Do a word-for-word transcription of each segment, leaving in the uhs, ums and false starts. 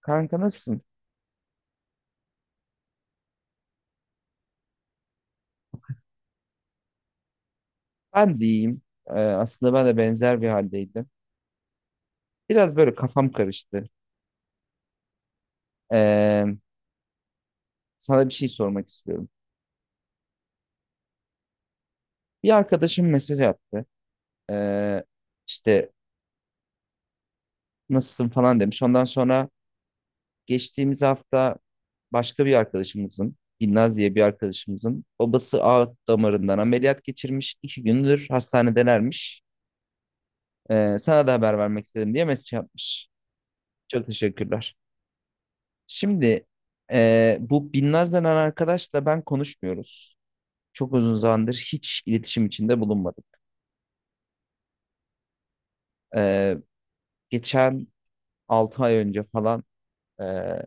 Kanka nasılsın? Ben de iyiyim. Ee, aslında ben de benzer bir haldeydim. Biraz böyle kafam karıştı. Ee, sana bir şey sormak istiyorum. Bir arkadaşım mesaj attı. Ee, işte nasılsın falan demiş. Ondan sonra geçtiğimiz hafta başka bir arkadaşımızın, Binnaz diye bir arkadaşımızın babası aort damarından ameliyat geçirmiş. İki gündür hastanedelermiş. Ee, sana da haber vermek istedim diye mesaj atmış. Çok teşekkürler. Şimdi eee, bu Binnaz denen arkadaşla ben konuşmuyoruz. Çok uzun zamandır hiç iletişim içinde bulunmadık. Eee, geçen altı ay önce falan eee,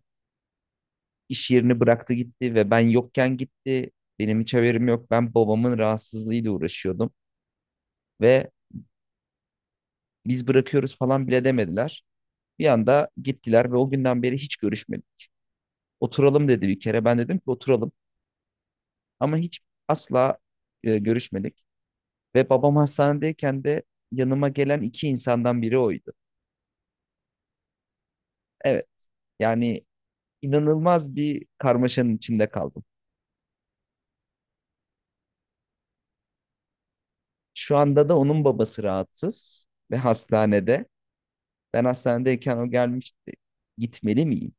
iş yerini bıraktı gitti ve ben yokken gitti. Benim hiç haberim yok. Ben babamın rahatsızlığıyla uğraşıyordum ve biz bırakıyoruz falan bile demediler. Bir anda gittiler ve o günden beri hiç görüşmedik. Oturalım dedi bir kere. Ben dedim ki oturalım ama hiç asla e, görüşmedik. Ve babam hastanedeyken de yanıma gelen iki insandan biri oydu. Evet, yani inanılmaz bir karmaşanın içinde kaldım. Şu anda da onun babası rahatsız ve hastanede. Ben hastanedeyken o gelmişti. Gitmeli miyim?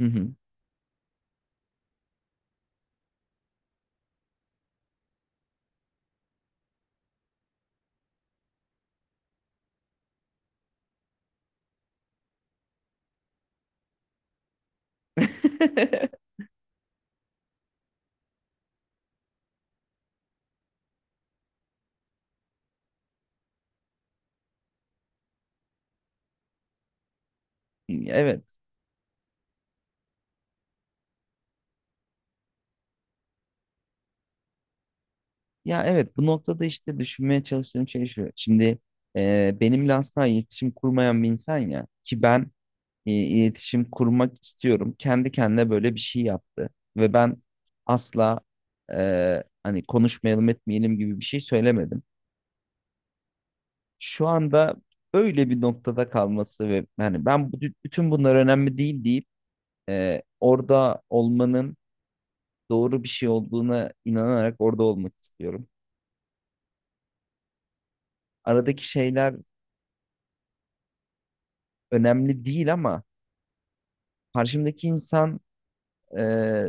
Hı hı. Evet. Ya evet, bu noktada işte düşünmeye çalıştığım şey şu. Şimdi e, benimle asla iletişim kurmayan bir insan ya ki ben e, iletişim kurmak istiyorum. Kendi kendine böyle bir şey yaptı. Ve ben asla e, hani konuşmayalım etmeyelim gibi bir şey söylemedim. Şu anda öyle bir noktada kalması ve hani ben bu, bütün bunlar önemli değil deyip e, orada olmanın doğru bir şey olduğuna inanarak orada olmak istiyorum. Aradaki şeyler önemli değil ama karşımdaki insan e,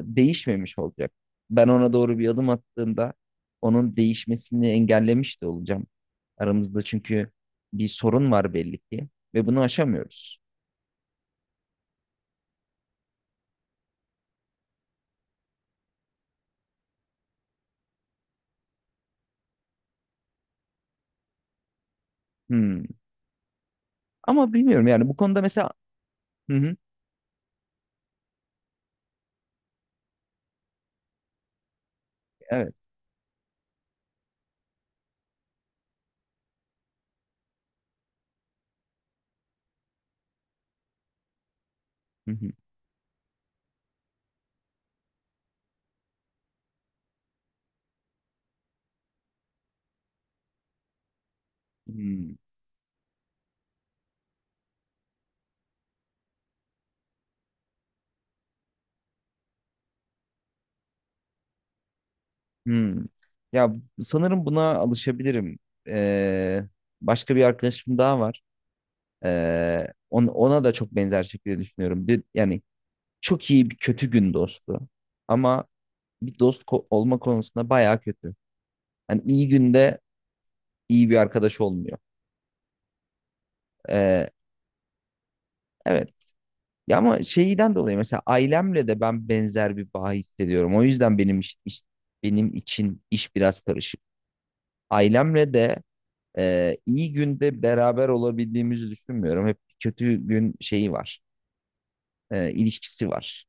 değişmemiş olacak. Ben ona doğru bir adım attığımda onun değişmesini engellemiş de olacağım. Aramızda çünkü bir sorun var belli ki ve bunu aşamıyoruz. Hmm. Ama bilmiyorum yani bu konuda mesela. Hı hı. Evet. Hı hı. Hmm. Hmm. Ya sanırım buna alışabilirim. Ee, başka bir arkadaşım daha var. Ee, on- ona da çok benzer şekilde düşünüyorum. Bir- Yani çok iyi bir kötü gün dostu. Ama bir dost ko- olma konusunda bayağı kötü. Hani iyi günde iyi bir arkadaş olmuyor. Ee, evet. Ya ama şeyden dolayı mesela ailemle de ben benzer bir bağ hissediyorum. O yüzden benim iş, iş- benim için iş biraz karışık. Ailemle de e, iyi günde beraber olabildiğimizi düşünmüyorum. Hep kötü gün şeyi var. E, ilişkisi var.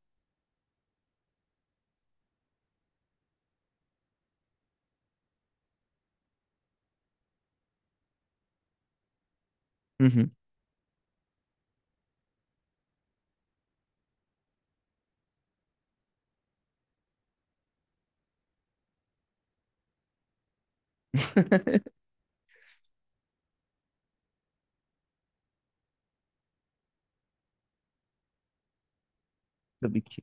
Hı hı. Tabii ki.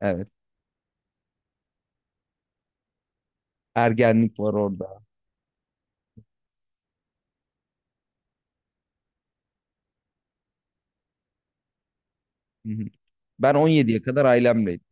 Evet. Ergenlik var orada. Hı hı. Ben on yediye kadar ailemleydim.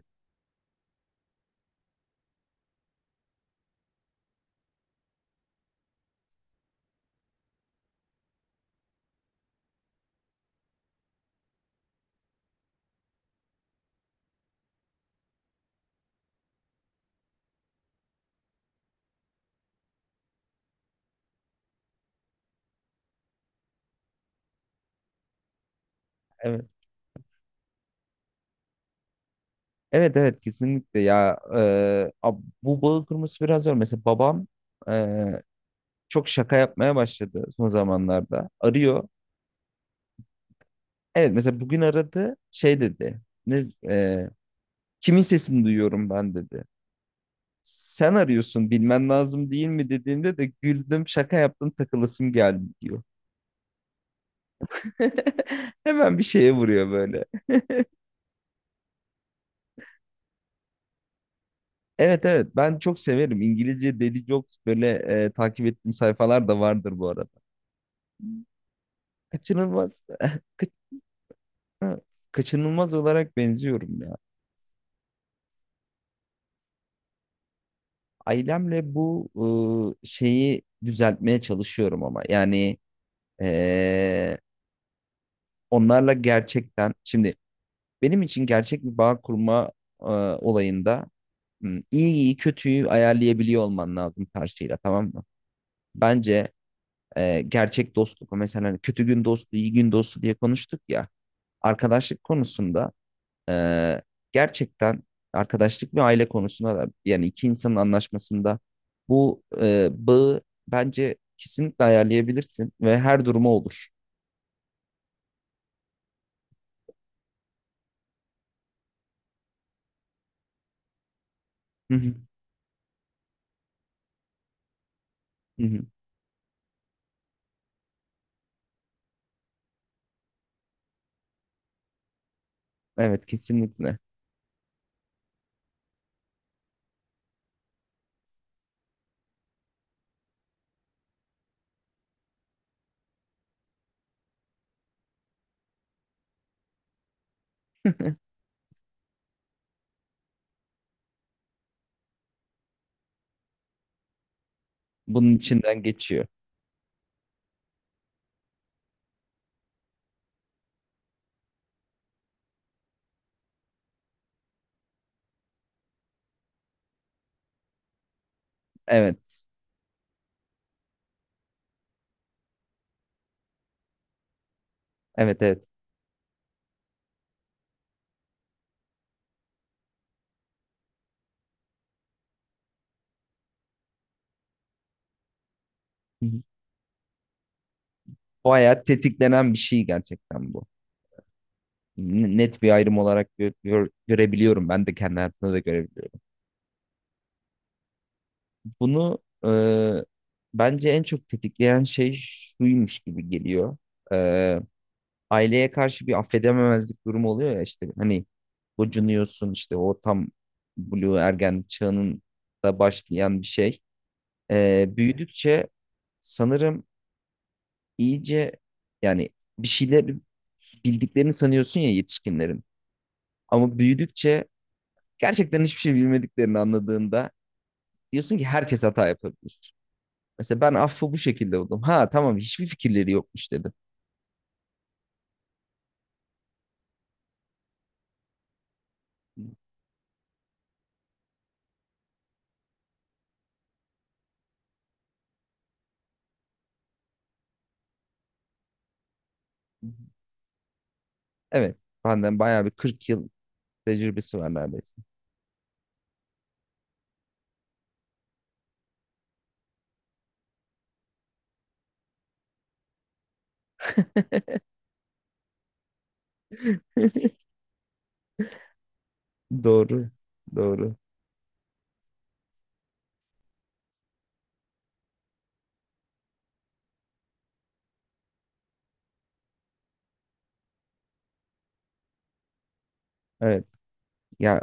Evet. Evet, evet, kesinlikle ya, Ee, ab- bu bağı kurması biraz zor. Mesela babam ee, çok şaka yapmaya başladı son zamanlarda. Arıyor. Evet, mesela bugün aradı şey dedi. Ne, ee, kimin sesini duyuyorum ben dedi. Sen arıyorsun bilmen lazım değil mi dediğimde de güldüm, şaka yaptım, takılasım geldi diyor. Hemen bir şeye vuruyor böyle. Evet, evet, ben çok severim. İngilizce Daily Jokes böyle e, takip ettiğim sayfalar da vardır bu arada. Kaçınılmaz kaç- kaçınılmaz olarak benziyorum ya. Ailemle bu e, şeyi düzeltmeye çalışıyorum ama yani e, onlarla gerçekten şimdi benim için gerçek bir bağ kurma e, olayında hmm, iyi iyi kötüyü ayarlayabiliyor olman lazım karşıyla, tamam mı? Bence e, gerçek dostluk mesela hani kötü gün dostu, iyi gün dostu diye konuştuk ya. Arkadaşlık konusunda e, gerçekten arkadaşlık ve aile konusunda da yani iki insanın anlaşmasında bu e, bağı bence kesinlikle ayarlayabilirsin ve her duruma olur. Hı hı, hı hı. Evet, kesinlikle. Bunun içinden geçiyor. Evet. Evet, evet. Hı hı. Bu hayat tetiklenen bir şey gerçekten bu. N- Net bir ayrım olarak gö- gör- görebiliyorum. Ben de kendi hayatımda da görebiliyorum. Bunu e, bence en çok tetikleyen şey şuymuş gibi geliyor. E, aileye karşı bir affedememezlik durumu oluyor ya işte hani gocunuyorsun işte o tam blue ergen çağının da başlayan bir şey. E, büyüdükçe sanırım iyice yani bir şeyler bildiklerini sanıyorsun ya yetişkinlerin. Ama büyüdükçe gerçekten hiçbir şey bilmediklerini anladığında diyorsun ki herkes hata yapabilir. Mesela ben affı bu şekilde buldum. Ha tamam, hiçbir fikirleri yokmuş dedim. Evet. Benden bayağı bir kırk yıl tecrübesi var neredeyse. Doğru. Doğru. Evet. Ya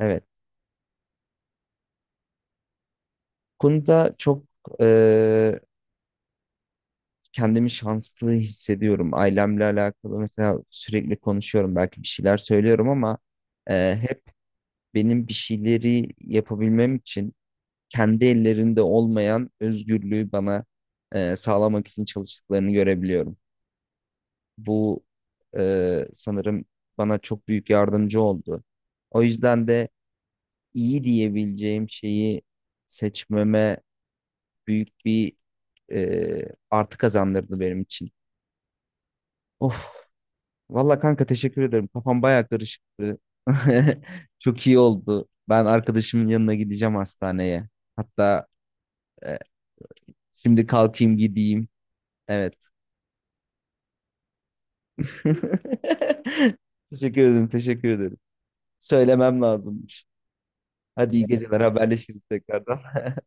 evet. Konuda çok kendimi şanslı hissediyorum. Ailemle alakalı mesela sürekli konuşuyorum. Belki bir şeyler söylüyorum ama e, hep benim bir şeyleri yapabilmem için kendi ellerinde olmayan özgürlüğü bana e, sağlamak için çalıştıklarını görebiliyorum. Bu e, sanırım bana çok büyük yardımcı oldu. O yüzden de iyi diyebileceğim şeyi seçmeme büyük bir e, artı kazandırdı benim için. Of, valla kanka teşekkür ederim. Kafam baya karışıktı. Çok iyi oldu. Ben arkadaşımın yanına gideceğim hastaneye. Hatta e, şimdi kalkayım gideyim. Evet. Teşekkür ederim, teşekkür ederim. Söylemem lazımmış. Hadi iyi geceler, haberleşiriz tekrardan.